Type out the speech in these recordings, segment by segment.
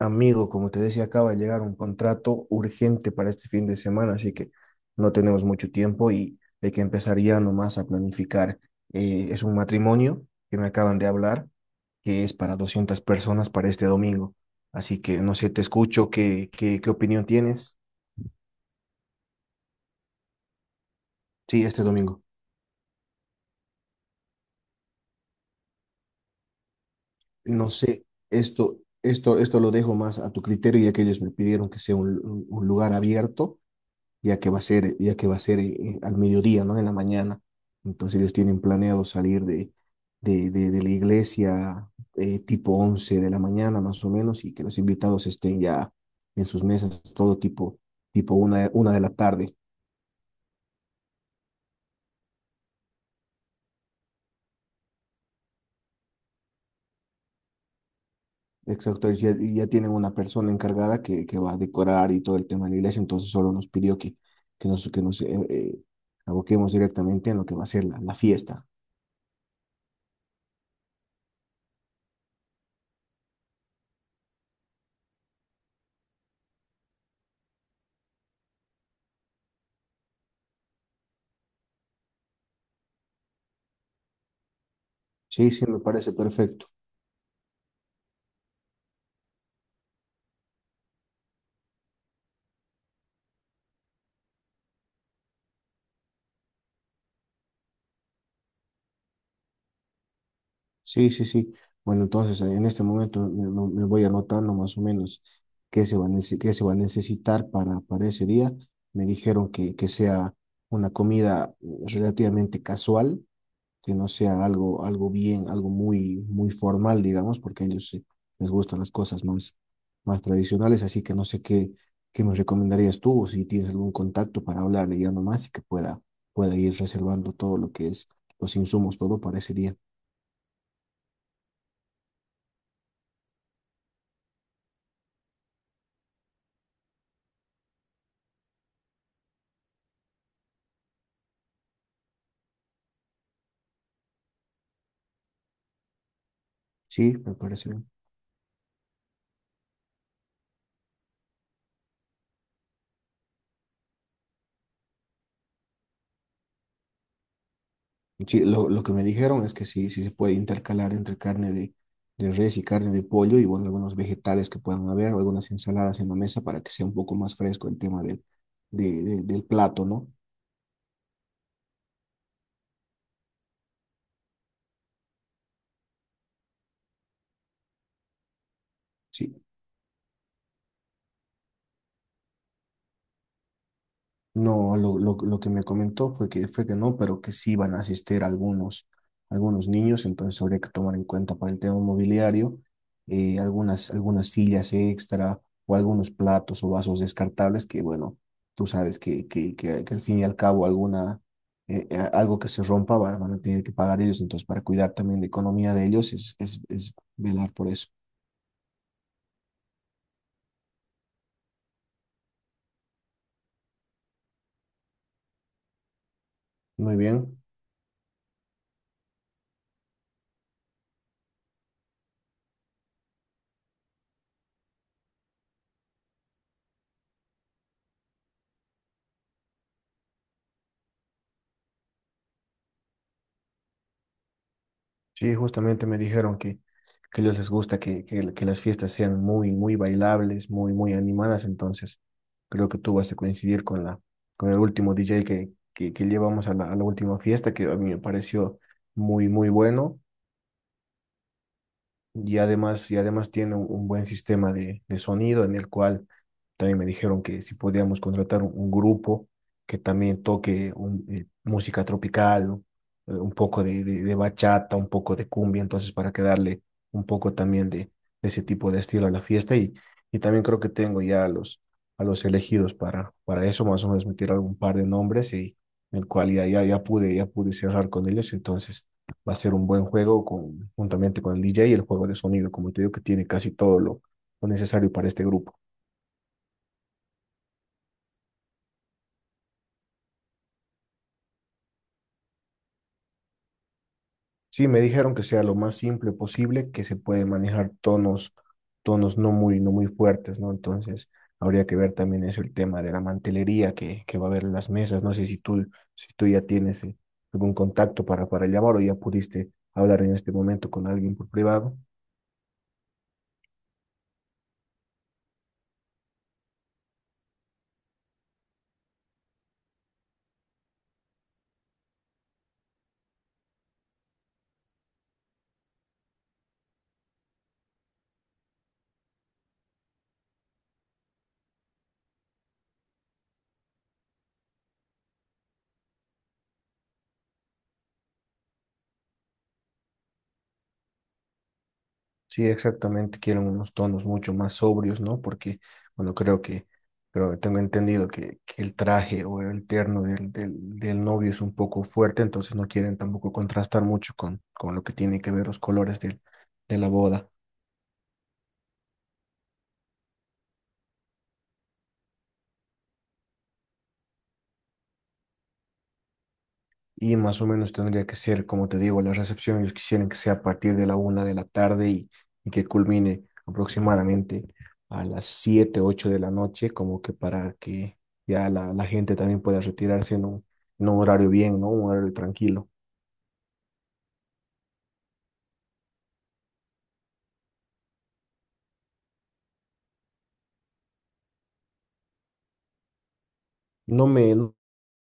Amigo, como te decía, acaba de llegar un contrato urgente para este fin de semana, así que no tenemos mucho tiempo y hay que empezar ya nomás a planificar. Es un matrimonio que me acaban de hablar, que es para 200 personas para este domingo. Así que no sé, te escucho, ¿qué opinión tienes? Sí, este domingo. No sé, esto lo dejo más a tu criterio, ya que ellos me pidieron que sea un lugar abierto, ya que va a ser, ya que va a ser al mediodía, ¿no? En la mañana. Entonces ellos tienen planeado salir de la iglesia, tipo 11 de la mañana más o menos, y que los invitados estén ya en sus mesas, tipo una de la tarde. Exacto, y ya tienen una persona encargada que va a decorar y todo el tema de la iglesia, entonces solo nos pidió que nos aboquemos directamente en lo que va a ser la, la fiesta. Sí, sí, me parece perfecto. Sí, sí, sí. Bueno, entonces, en este momento me voy anotando más o menos qué se va a necesitar para ese día. Me dijeron que sea una comida, relativamente casual, que no sea algo, algo muy, muy formal, digamos, porque a ellos, les gustan las cosas más, más tradicionales. Así que no sé qué me recomendarías tú, o si tienes algún contacto para hablarle ya nomás y que pueda ir reservando todo lo que es los insumos, todo para ese día. Sí, me parece bien. Sí, lo que me dijeron es que sí, sí se puede intercalar entre carne de res y carne de pollo y bueno, algunos vegetales que puedan haber o algunas ensaladas en la mesa para que sea un poco más fresco el tema del plato, ¿no? Sí. No, lo que me comentó fue que no, pero que sí van a asistir algunos niños, entonces habría que tomar en cuenta para el tema mobiliario, algunas sillas extra o algunos platos o vasos descartables que, bueno, tú sabes que al fin y al cabo alguna, algo que se rompa va- van a tener que pagar ellos, entonces para cuidar también la economía de ellos es velar por eso. Muy bien. Sí, justamente me dijeron que a ellos les gusta que las fiestas sean muy, muy bailables, muy, muy animadas. Entonces, creo que tú vas a coincidir con con el último DJ que llevamos a la última fiesta, que a mí me pareció muy, muy bueno, y además tiene un buen sistema de sonido en el cual también me dijeron que si podíamos contratar un grupo que también toque música tropical, o, un poco de bachata, un poco de cumbia, entonces para que darle un poco también de ese tipo de estilo a la fiesta, y también creo que tengo ya a los elegidos para eso, más o menos me tiraron un par de nombres y en el cual ya pude cerrar con ellos. Entonces va a ser un buen juego juntamente con el DJ y el juego de sonido, como te digo, que tiene casi todo lo necesario para este grupo. Sí, me dijeron que sea lo más simple posible, que se puede manejar tonos no muy fuertes, ¿no? Entonces habría que ver también eso, el tema de la mantelería que va a haber en las mesas. No sé si tú ya tienes, algún contacto para llamar o ya pudiste hablar en este momento con alguien por privado. Sí, exactamente, quieren unos tonos mucho más sobrios, ¿no? Porque, bueno, pero tengo entendido que el traje o el terno del novio es un poco fuerte, entonces no quieren tampoco contrastar mucho con lo que tiene que ver los colores de la boda. Y más o menos tendría que ser, como te digo, la recepción ellos quisieran que sea a partir de la una de la tarde, y que culmine aproximadamente a las 7, 8 de la noche, como que para que ya la gente también pueda retirarse en un horario bien, ¿no? Un horario tranquilo. No me,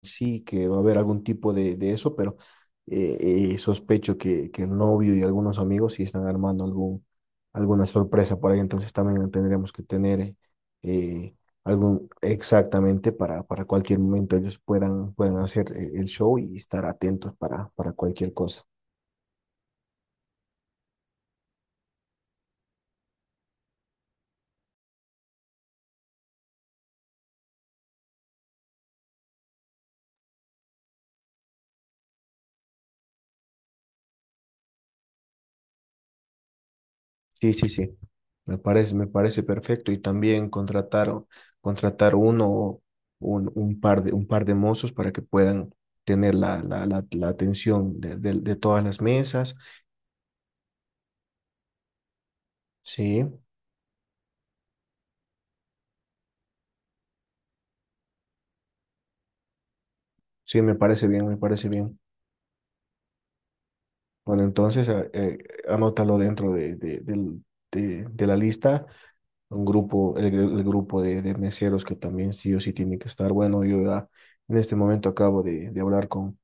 sí, que va a haber algún tipo de eso, pero sospecho que el novio y algunos amigos sí están armando alguna sorpresa por ahí, entonces también tendremos que tener, eh, algún exactamente para cualquier momento ellos puedan hacer, el show y estar atentos para cualquier cosa. Sí, sí, sí. Me parece perfecto. Y también contratar uno o un par de mozos para que puedan tener la atención de todas las mesas. Sí, sí, me parece bien, me parece bien. Bueno, entonces, anótalo dentro de la lista, un grupo, el grupo de meseros que también sí o sí tiene que estar. Bueno, yo ya en este momento acabo de hablar con,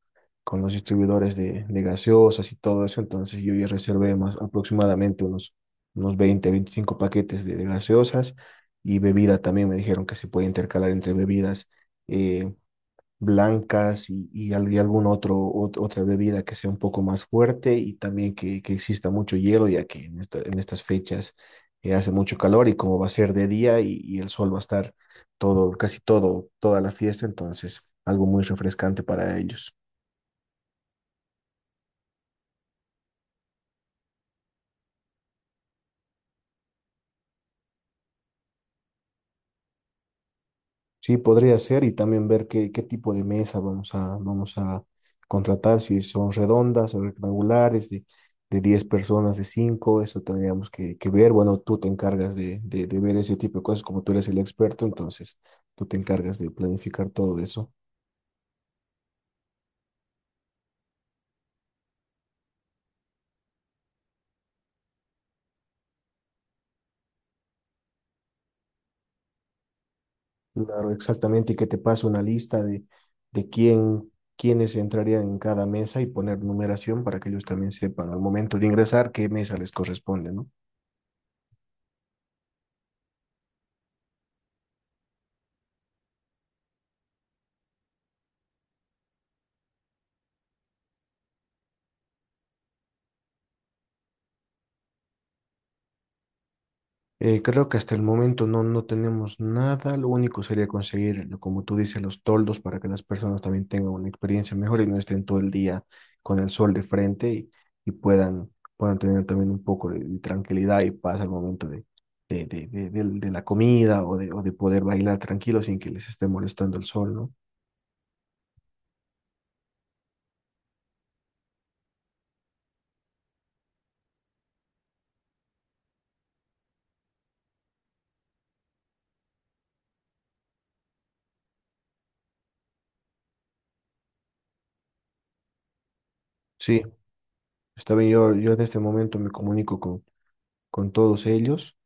con los distribuidores de gaseosas y todo eso, entonces yo ya reservé más aproximadamente unos 20 25 paquetes de gaseosas, y bebida también me dijeron que se puede intercalar entre bebidas, eh, blancas y algún otra bebida que sea un poco más fuerte, y también que exista mucho hielo, ya que en estas fechas, hace mucho calor y como va a ser de día, y el sol va a estar toda la fiesta, entonces algo muy refrescante para ellos. Sí, podría ser, y también ver qué tipo de mesa vamos a contratar, si son redondas o rectangulares, de 10 personas, de cinco, eso tendríamos que ver. Bueno, tú te encargas de ver ese tipo de cosas, como tú eres el experto, entonces tú te encargas de planificar todo eso. Claro, exactamente, y que te pase una lista de quiénes entrarían en cada mesa y poner numeración para que ellos también sepan al momento de ingresar qué mesa les corresponde, ¿no? Creo que hasta el momento no tenemos nada. Lo único sería conseguir, como tú dices, los toldos para que las personas también tengan una experiencia mejor y no estén todo el día con el sol de frente, y puedan tener también un poco de tranquilidad y paz al momento de la comida, o de poder bailar tranquilo sin que les esté molestando el sol, ¿no? Sí, está bien. Yo en este momento me comunico con todos ellos,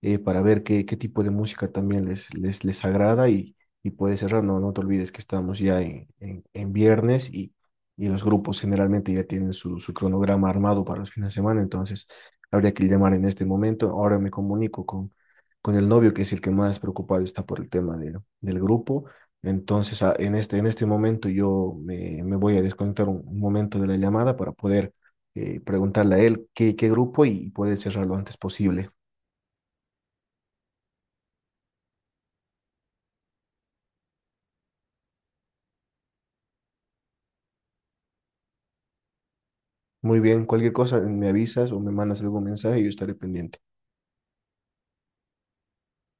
para ver qué tipo de música también les agrada, y puedes cerrar. No, no te olvides que estamos ya en viernes, y los grupos generalmente ya tienen su cronograma armado para los fines de semana, entonces habría que llamar en este momento. Ahora me comunico con el novio, que es el que más preocupado está por el tema del grupo. Entonces, en este momento yo me voy a desconectar un momento de la llamada para poder, preguntarle a él qué grupo y puede cerrar lo antes posible. Muy bien, cualquier cosa me avisas o me mandas algún mensaje y yo estaré pendiente.